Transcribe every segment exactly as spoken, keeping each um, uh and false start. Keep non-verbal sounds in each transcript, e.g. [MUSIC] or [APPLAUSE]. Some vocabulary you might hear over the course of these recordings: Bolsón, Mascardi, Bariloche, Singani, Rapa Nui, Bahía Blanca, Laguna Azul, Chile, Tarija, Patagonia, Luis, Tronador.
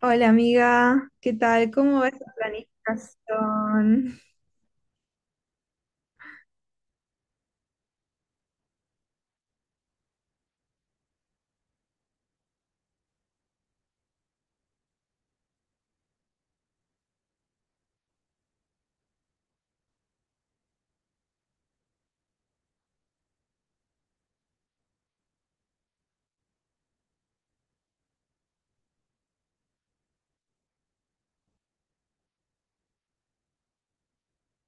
Hola amiga, ¿qué tal? ¿Cómo va esa planificación?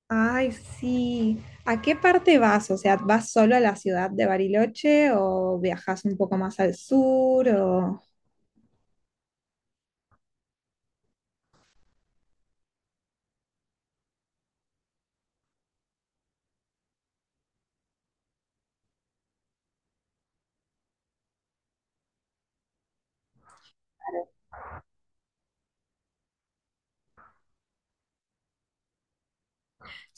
Ay, sí. ¿A qué parte vas? O sea, ¿vas solo a la ciudad de Bariloche o viajas un poco más al sur? O...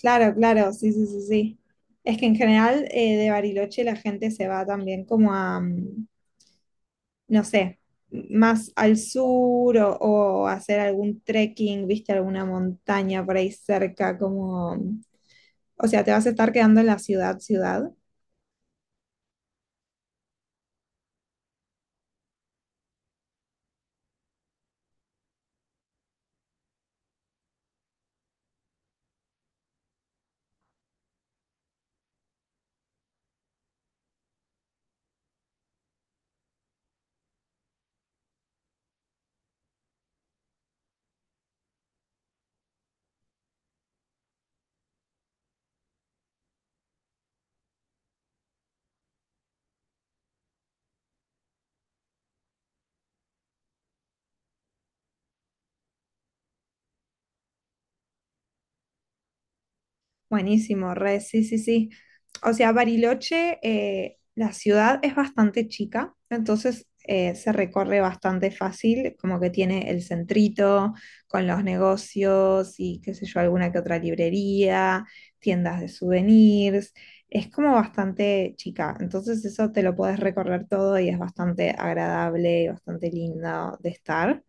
Claro, claro, sí, sí, sí, sí. Es que en general eh, de Bariloche la gente se va también como a, mm, no sé, más al sur o, o hacer algún trekking, viste, alguna montaña por ahí cerca, como, o sea, ¿te vas a estar quedando en la ciudad, ciudad? Buenísimo, re, sí, sí, sí. O sea, Bariloche, eh, la ciudad es bastante chica, entonces eh, se recorre bastante fácil, como que tiene el centrito con los negocios y qué sé yo, alguna que otra librería, tiendas de souvenirs. Es como bastante chica, entonces eso te lo puedes recorrer todo y es bastante agradable y bastante lindo de estar.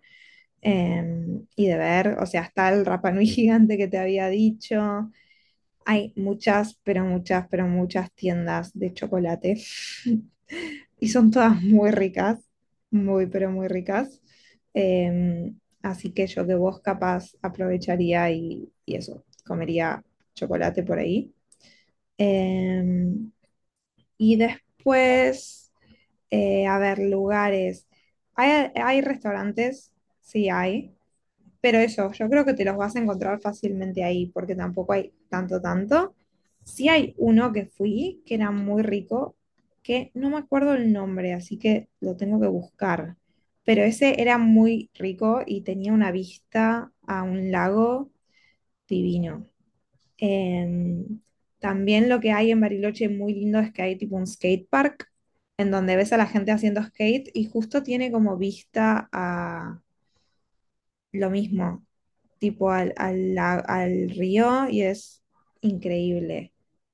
em, Y de ver, o sea, está el Rapa Nui [LAUGHS] gigante que te había dicho. Hay muchas, pero muchas, pero muchas tiendas de chocolate [LAUGHS] y son todas muy ricas, muy, pero muy ricas. Em, así que yo que vos capaz aprovecharía y, y eso, comería chocolate por ahí. Em, y después, eh, a ver, lugares. Hay, hay restaurantes, sí hay. Pero eso, yo creo que te los vas a encontrar fácilmente ahí, porque tampoco hay tanto, tanto. Sí hay uno que fui, que era muy rico, que no me acuerdo el nombre, así que lo tengo que buscar. Pero ese era muy rico y tenía una vista a un lago divino. Em, También lo que hay en Bariloche muy lindo es que hay tipo un skate park en donde ves a la gente haciendo skate y justo tiene como vista a lo mismo, tipo al, al, al río y es increíble.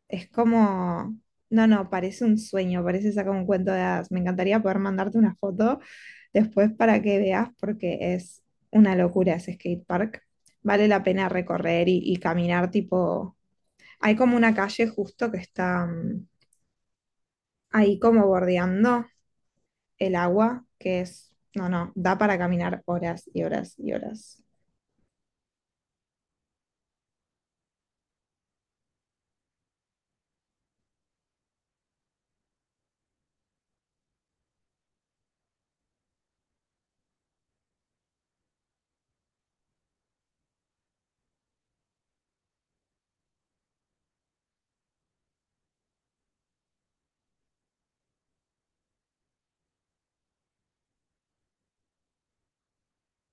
Es como, no, no, parece un sueño, parece sacar un cuento de hadas. Me encantaría poder mandarte una foto después para que veas porque es una locura ese skate park. Vale la pena recorrer y, y caminar tipo... Hay como una calle justo que está mm, ahí como bordeando el agua, que es, no, no, da para caminar horas y horas y horas.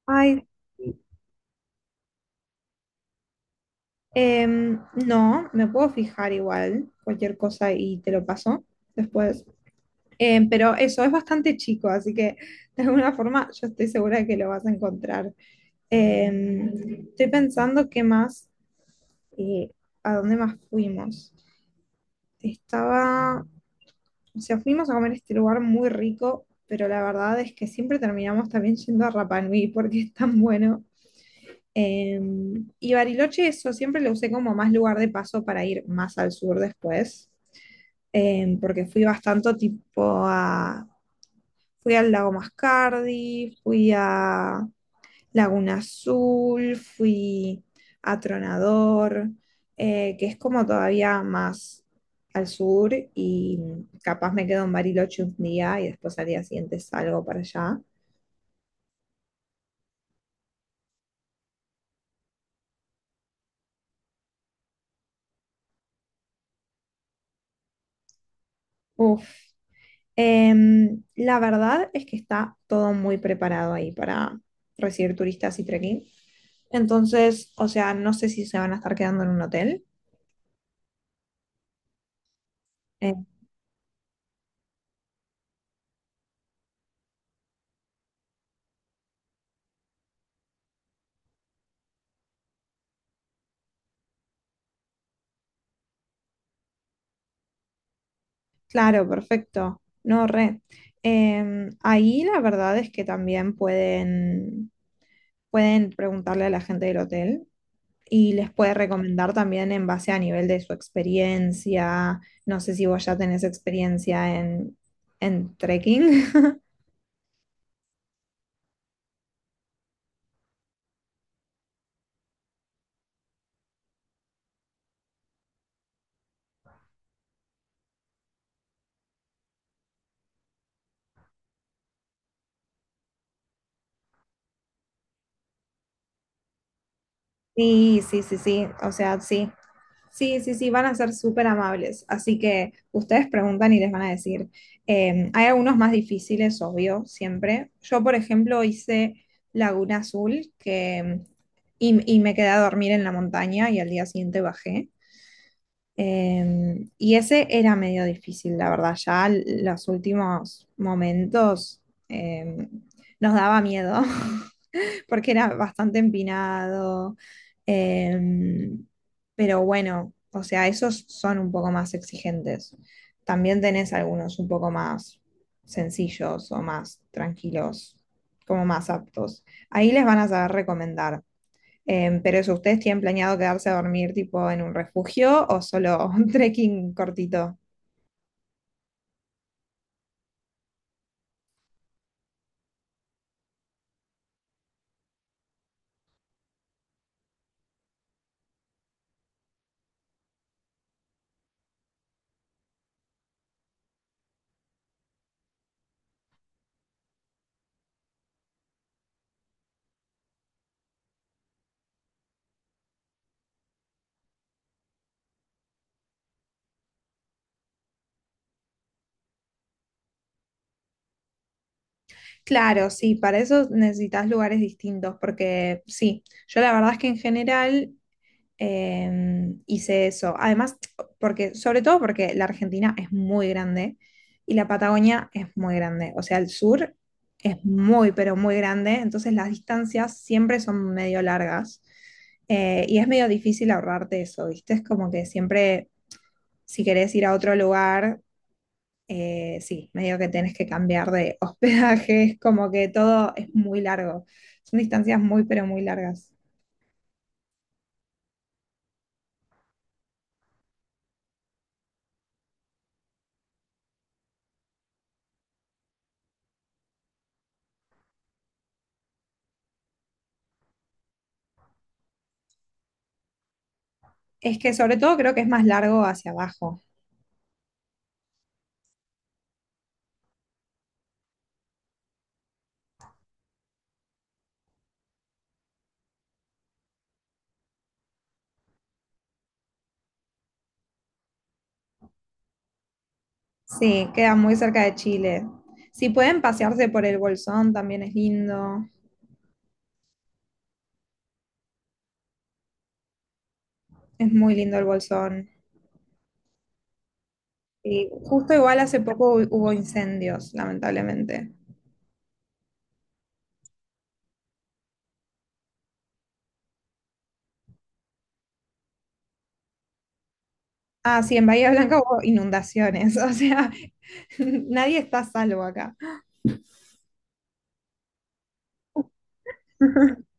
Ay. Em, no, me puedo fijar igual, cualquier cosa y te lo paso después. Em, pero eso es bastante chico, así que [LAUGHS] de alguna forma yo estoy segura de que lo vas a encontrar. Em, estoy pensando qué más, eh, a dónde más fuimos. Estaba, o sea, fuimos a comer a este lugar muy rico, pero la verdad es que siempre terminamos también yendo a Rapa Nui porque es tan bueno. Em, y Bariloche, eso siempre lo usé como más lugar de paso para ir más al sur después, em, porque fui bastante tipo a, fui al lago Mascardi, fui a Laguna Azul, fui a Tronador, eh, que es como todavía más al sur y capaz me quedo en Bariloche un día y después al día siguiente salgo para allá. Uf. Em, la verdad es que está todo muy preparado ahí para recibir turistas y trekking. Entonces, o sea, no sé si se van a estar quedando en un hotel. Eh, claro, perfecto. No, re. Em, ahí la verdad es que también pueden, pueden preguntarle a la gente del hotel y les puede recomendar también en base a nivel de su experiencia. No sé si vos ya tenés experiencia en, en trekking. Sí, sí, sí, sí, o sea, sí, sí, sí, sí, van a ser súper amables, así que ustedes preguntan y les van a decir. Eh, hay algunos más difíciles, obvio, siempre. Yo, por ejemplo, hice Laguna Azul que, y, y me quedé a dormir en la montaña y al día siguiente bajé. Eh, y ese era medio difícil, la verdad, ya l- los últimos momentos eh, nos daba miedo. [LAUGHS] Porque era bastante empinado. em, pero bueno, o sea, esos son un poco más exigentes. También tenés algunos un poco más sencillos o más tranquilos, como más aptos. Ahí les van a saber recomendar. Em, pero eso, ¿ustedes tienen planeado quedarse a dormir tipo en un refugio o solo [LAUGHS] un trekking cortito? Claro, sí, para eso necesitas lugares distintos, porque sí, yo la verdad es que en general Em, hice eso. Además, porque, sobre todo porque la Argentina es muy grande y la Patagonia es muy grande. O sea, el sur es muy, pero muy grande. Entonces las distancias siempre son medio largas. Eh, y es medio difícil ahorrarte eso, ¿viste? Es como que siempre, si querés ir a otro lugar, eh, sí, medio que tenés que cambiar de hospedaje. [LAUGHS] Es como que todo es muy largo. Son distancias muy, pero muy largas. Es que sobre todo creo que es más largo hacia abajo. Sí, queda muy cerca de Chile. Si pueden pasearse por el Bolsón, también es lindo. Es muy lindo el Bolsón. Y justo igual hace poco hu- hubo incendios, lamentablemente. Ah, sí, en Bahía Blanca hubo inundaciones. [LAUGHS] O sea, [LAUGHS] nadie está a salvo acá. [LAUGHS]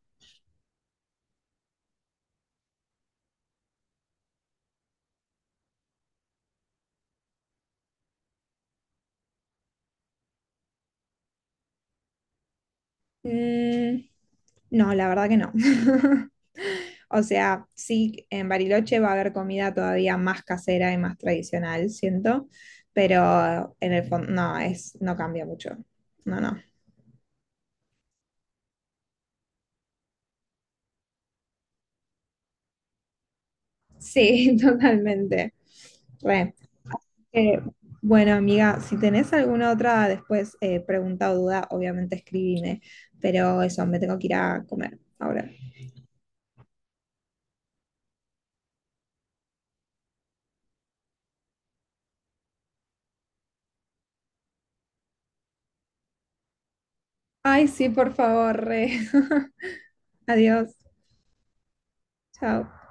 Mm, no, la verdad que no. [LAUGHS] O sea, sí, en Bariloche va a haber comida todavía más casera y más tradicional, siento, pero en el fondo no, es, no cambia mucho. No, no. Sí, [LAUGHS] totalmente. Re. Eh, bueno, amiga, si tenés alguna otra después eh, pregunta o duda, obviamente escribime, pero eso, me tengo que ir a comer ahora. Ay, sí, por favor, re. [LAUGHS] Adiós. Chao.